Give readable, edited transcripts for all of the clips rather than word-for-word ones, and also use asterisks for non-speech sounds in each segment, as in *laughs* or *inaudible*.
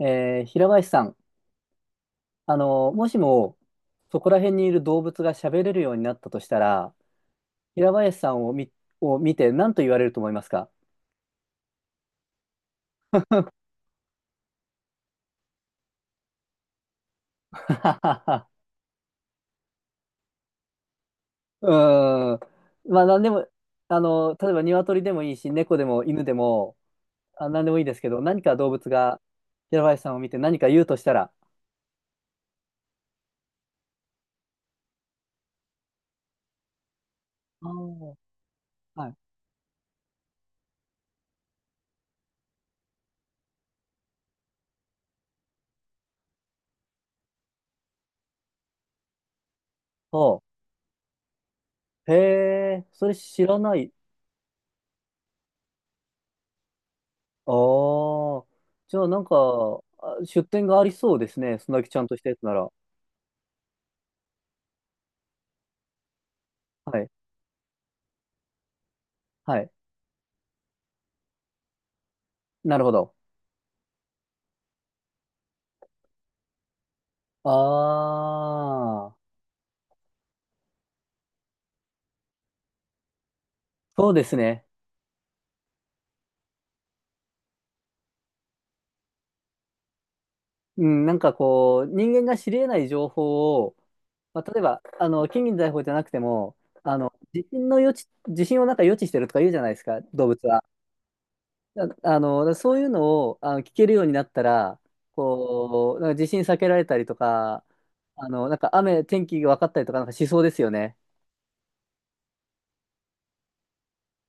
平林さん、もしも、そこら辺にいる動物が喋れるようになったとしたら、平林さんを見て何と言われると思いますか？ *laughs* うーん。まあ、何でも、例えば鶏でもいいし、猫でも犬でも、あ、何でもいいですけど、何か動物が平林さんを見て何か言うとしたら、あー、はい。ほう。へえ、それ知らない。ああ。じゃあ、なんか、あ、出店がありそうですね。そんだけちゃんとしたやつなら。はいはい。なるほど。ああ、そうですね。うん、なんかこう、人間が知り得ない情報を、まあ、例えば、金銀財宝じゃなくても、地震の予知、地震をなんか予知してるとか言うじゃないですか、動物は。あ、そういうのを、聞けるようになったら、こう、なんか地震避けられたりとか、なんか雨、天気が分かったりとか、なんかしそうですよね。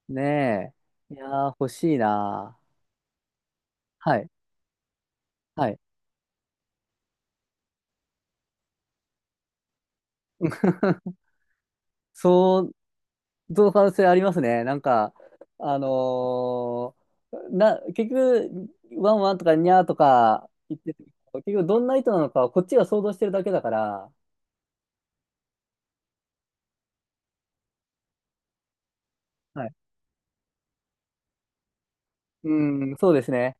ねえ。いやー、欲しいなー。はい。はい。*laughs* そう、その可能性ありますね。なんか、あのーな、結局、ワンワンとかニャーとか言ってて、結局どんな意図なのかはこっちが想像してるだけだから、はい。うん、そうですね。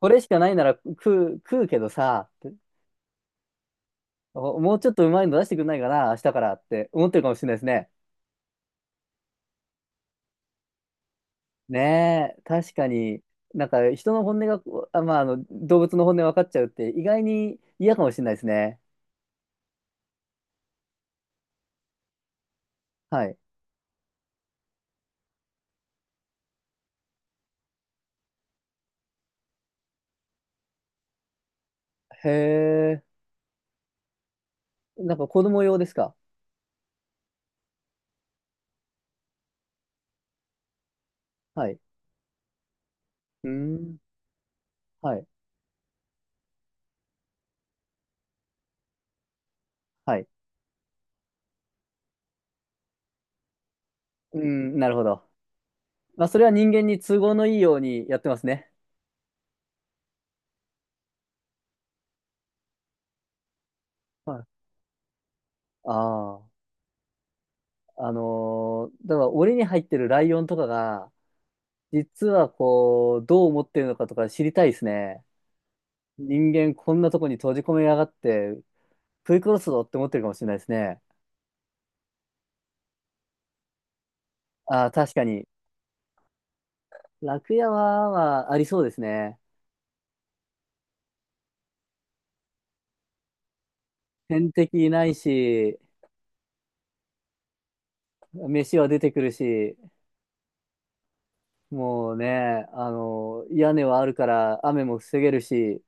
これしかないなら食うけどさ、っておもうちょっとうまいの出してくんないかな、明日からって思ってるかもしれないですね。ねえ、確かに、なんか人の本音が、あ、まあ、動物の本音分かっちゃうって意外に嫌かもしれないですね。はい。へえ、なんか子供用ですか？はい。うーん。はい。はい。うーん、なるほど。まあ、それは人間に都合のいいようにやってますね。はい。ああ。だから、檻に入ってるライオンとかが、実はこう、どう思ってるのかとか知りたいですね。人間こんなとこに閉じ込めやがって、食い殺すぞって思ってるかもしれないですね。ああ、確かに。楽屋は、まあ、ありそうですね。天敵いないし、飯は出てくるし、もうね、屋根はあるから雨も防げるし、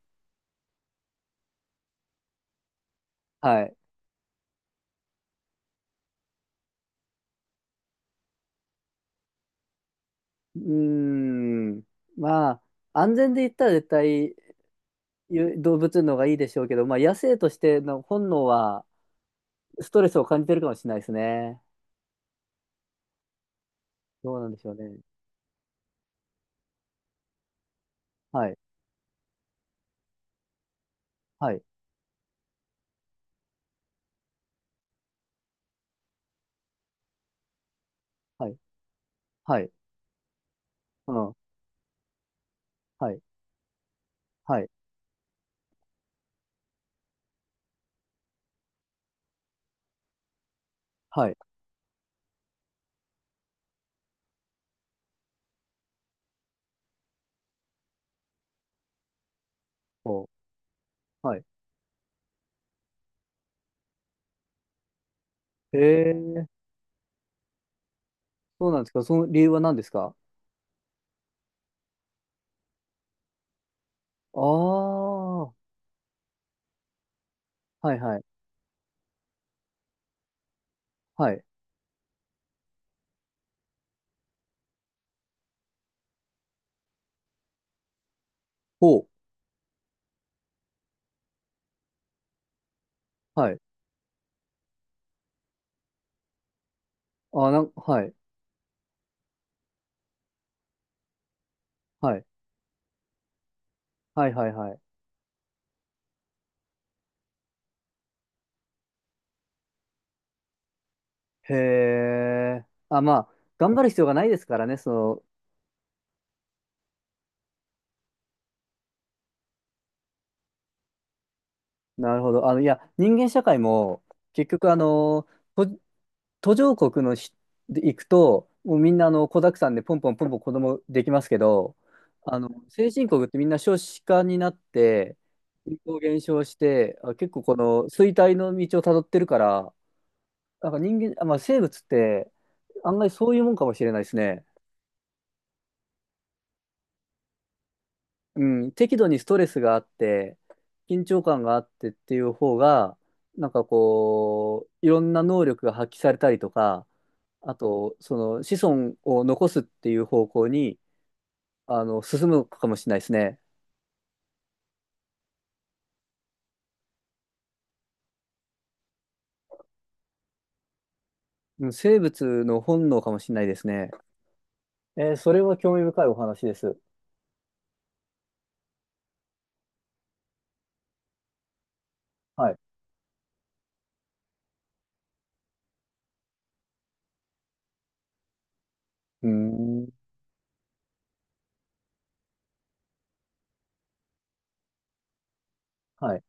はい。うーん。まあ、安全で言ったら絶対動物の方がいいでしょうけど、まあ野生としての本能はストレスを感じてるかもしれないですね。どうなんでしょうね。はい。はい。はい。はい。うん。はい。はい。はい。お、はい。へえ、そうなんですか。その理由は何ですか？ああー、はいはい。はい。ほう。はい。あー、はい。はい。はいはいはい。へえ。あ、まあ、頑張る必要がないですからね、その。なるほど。いや、人間社会も、結局、途途上国で行くと、もうみんな、子沢山でポンポンポンポン子供できますけど、先進国ってみんな少子化になって、人口減少して、あ、結構この衰退の道をたどってるから、なんか人間、あ、まあ、生物って、案外そういうもんかもしれないですね。うん、適度にストレスがあって、緊張感があってっていう方が、なんかこう、いろんな能力が発揮されたりとか、あと、その子孫を残すっていう方向に、進むかもしれないですね。うん、生物の本能かもしれないですね。それは興味深いお話です。はい。うーん。はい。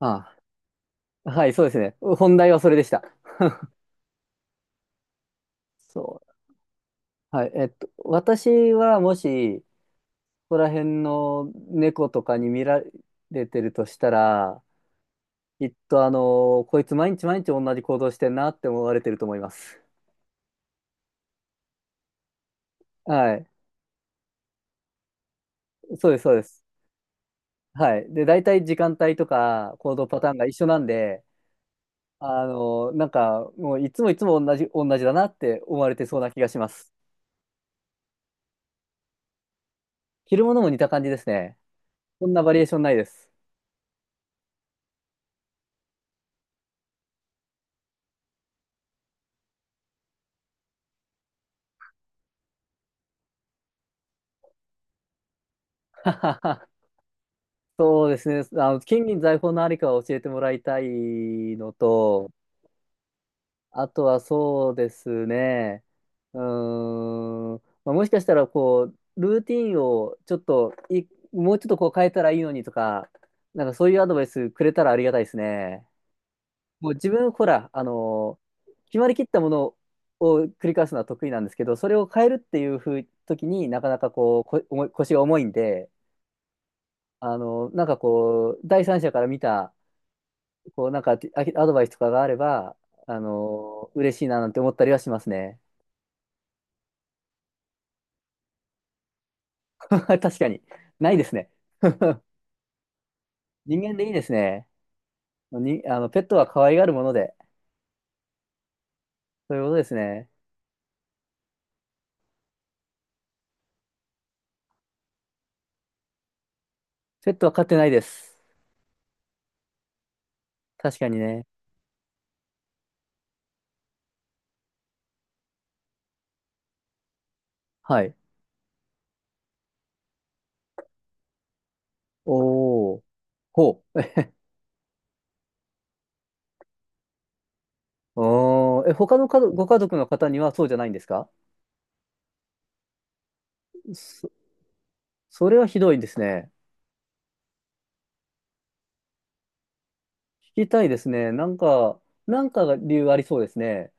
あ、はい、そうですね。本題はそれでした。そう。はい。私はもし、こら辺の猫とかに見られてるとしたら、きっとこいつ毎日毎日同じ行動してんなって思われてると思います。はい。そうです、そうです。はい。で、大体時間帯とか行動パターンが一緒なんで、なんかもういつもいつも同じだなって思われてそうな気がします。着るものも似た感じですね。こんなバリエーションないです。*laughs* ははは、そうですね。金銀財宝のありかを教えてもらいたいのと、あとはそうですね。うーん。まあ、もしかしたら、こう、ルーティンをちょっとい、もうちょっとこう変えたらいいのにとか、なんかそういうアドバイスくれたらありがたいですね。もう自分、ほら、決まりきったものを繰り返すのは得意なんですけど、それを変えるっていうふう時になかなかこう、重い腰が重いんで、なんかこう、第三者から見た、こう、なんかアドバイスとかがあれば、嬉しいななんて思ったりはしますね。*laughs* 確かに。ないですね。人間でいいですね。に、あの、ペットは可愛がるもので。そういうことですね。ペットは飼ってないです。確かにね。はい。おー。ほう。おー。え、他のご家族の方にはそうじゃないんですか？そ、それはひどいですね。聞きたいですね。なんか、が理由ありそうですね。